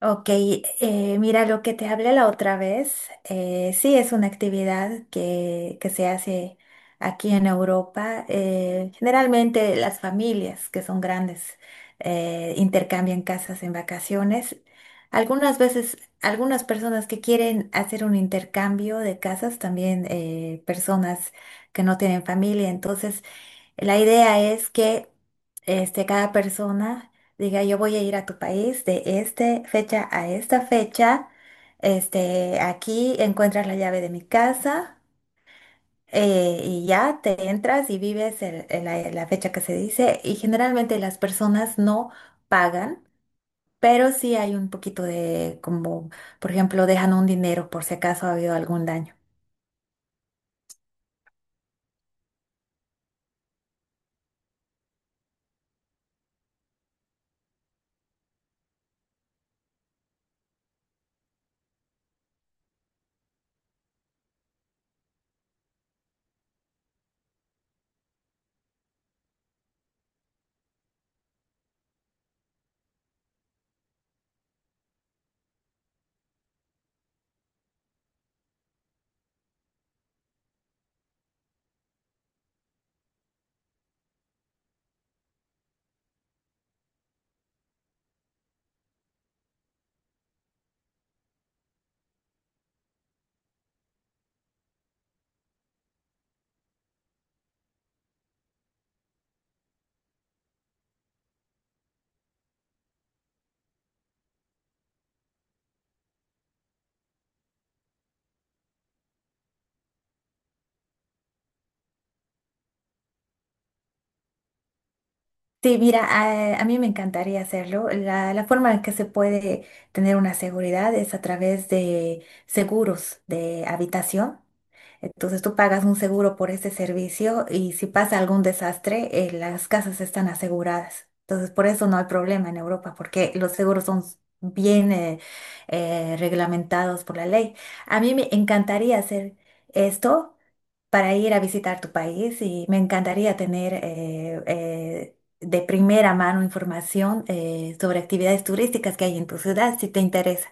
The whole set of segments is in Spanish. Ok, mira lo que te hablé la otra vez. Sí, es una actividad que se hace aquí en Europa. Generalmente las familias que son grandes intercambian casas en vacaciones. Algunas veces, algunas personas que quieren hacer un intercambio de casas, también personas que no tienen familia. Entonces, la idea es que este, cada persona diga, yo voy a ir a tu país de esta fecha a esta fecha. Este, aquí encuentras la llave de mi casa, y ya te entras y vives la fecha que se dice. Y generalmente las personas no pagan, pero sí hay un poquito de, como, por ejemplo, dejan un dinero por si acaso ha habido algún daño. Sí, mira, a mí me encantaría hacerlo. La forma en que se puede tener una seguridad es a través de seguros de habitación. Entonces tú pagas un seguro por ese servicio y si pasa algún desastre, las casas están aseguradas. Entonces por eso no hay problema en Europa, porque los seguros son bien reglamentados por la ley. A mí me encantaría hacer esto para ir a visitar tu país y me encantaría tener de primera mano información sobre actividades turísticas que hay en tu ciudad, si te interesa.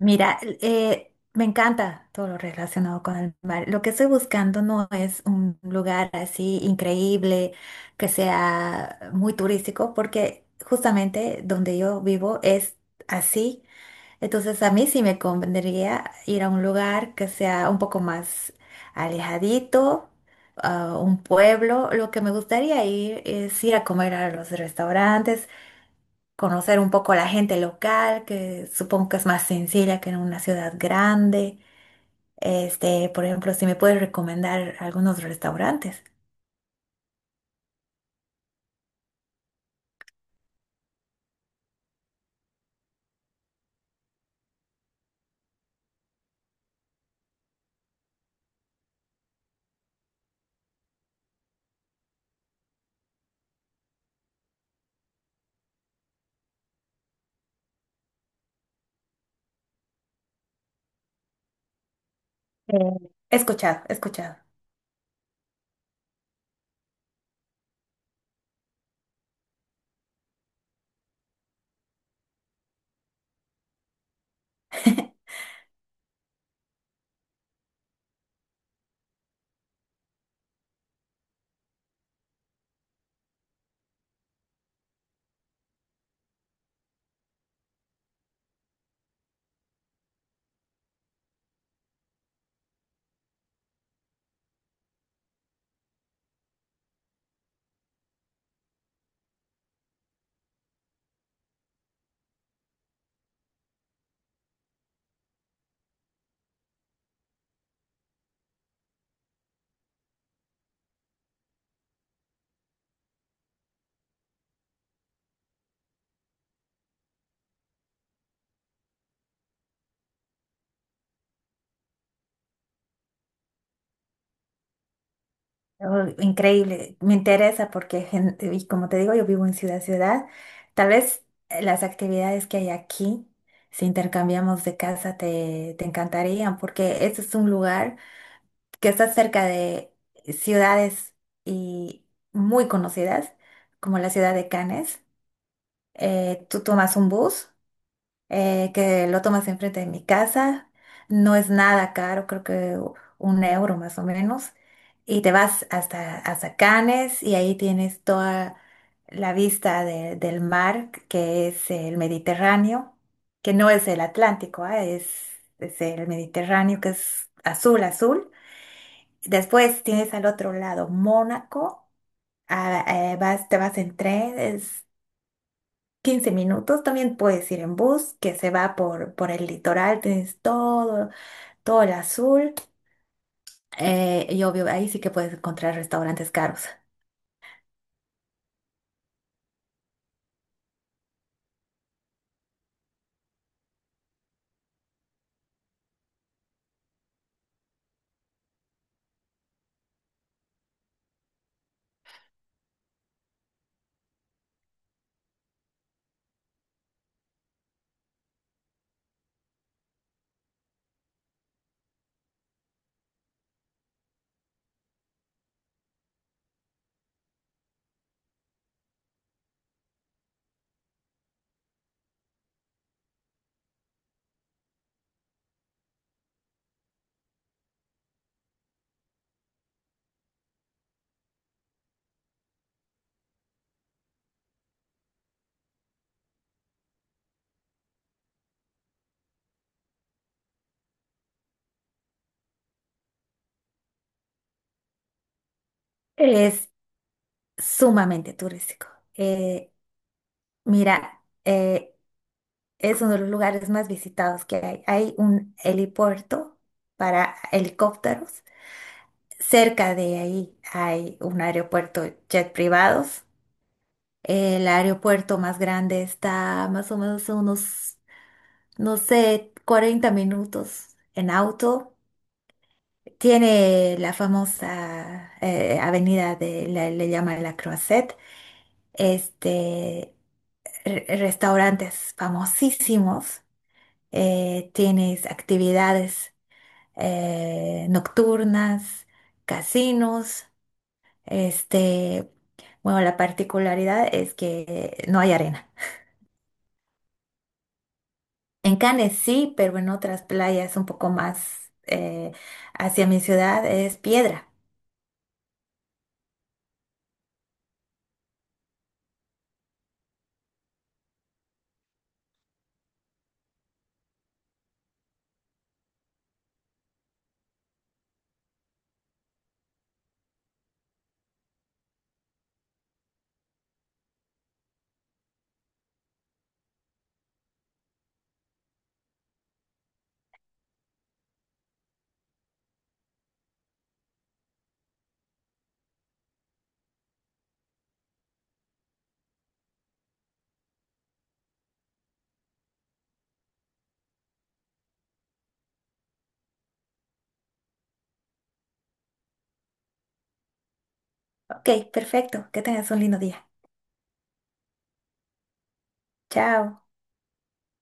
Mira, me encanta todo lo relacionado con el mar. Lo que estoy buscando no es un lugar así increíble, que sea muy turístico, porque justamente donde yo vivo es así. Entonces a mí sí me convendría ir a un lugar que sea un poco más alejadito, a un pueblo. Lo que me gustaría ir es ir a comer a los restaurantes, conocer un poco a la gente local, que supongo que es más sencilla que en una ciudad grande. Este, por ejemplo, si me puedes recomendar algunos restaurantes. He escuchado, he escuchado. Oh, increíble, me interesa porque, gen- y como te digo, yo vivo en ciudad, ciudad. Tal vez las actividades que hay aquí, si intercambiamos de casa, te encantarían, porque este es un lugar que está cerca de ciudades y muy conocidas, como la ciudad de Cannes. Tú tomas un bus que lo tomas enfrente de mi casa. No es nada caro, creo que 1 euro más o menos. Y te vas hasta Cannes y ahí tienes toda la vista de- del mar, que es el Mediterráneo, que no es el Atlántico, ah, es el Mediterráneo, que es azul, azul. Después tienes al otro lado Mónaco, ah, vas, te vas en tren, 15 minutos, también puedes ir en bus que se va por el litoral, tienes todo, todo el azul y obvio ahí sí que puedes encontrar restaurantes caros. Es sumamente turístico. Eh, Mira, es uno de los lugares más visitados que hay. Hay un helipuerto para helicópteros. Cerca de ahí hay un aeropuerto jet privados. El aeropuerto más grande está más o menos a unos no sé, 40 minutos en auto. Tiene la famosa avenida de, la- le, llaman La Croisette, este, re- restaurantes famosísimos, tienes actividades nocturnas, casinos, este, bueno, la particularidad es que no hay arena. En Cannes sí, pero en otras playas un poco más hacia mi ciudad es piedra. Ok, perfecto. Que tengas un lindo día. Chao.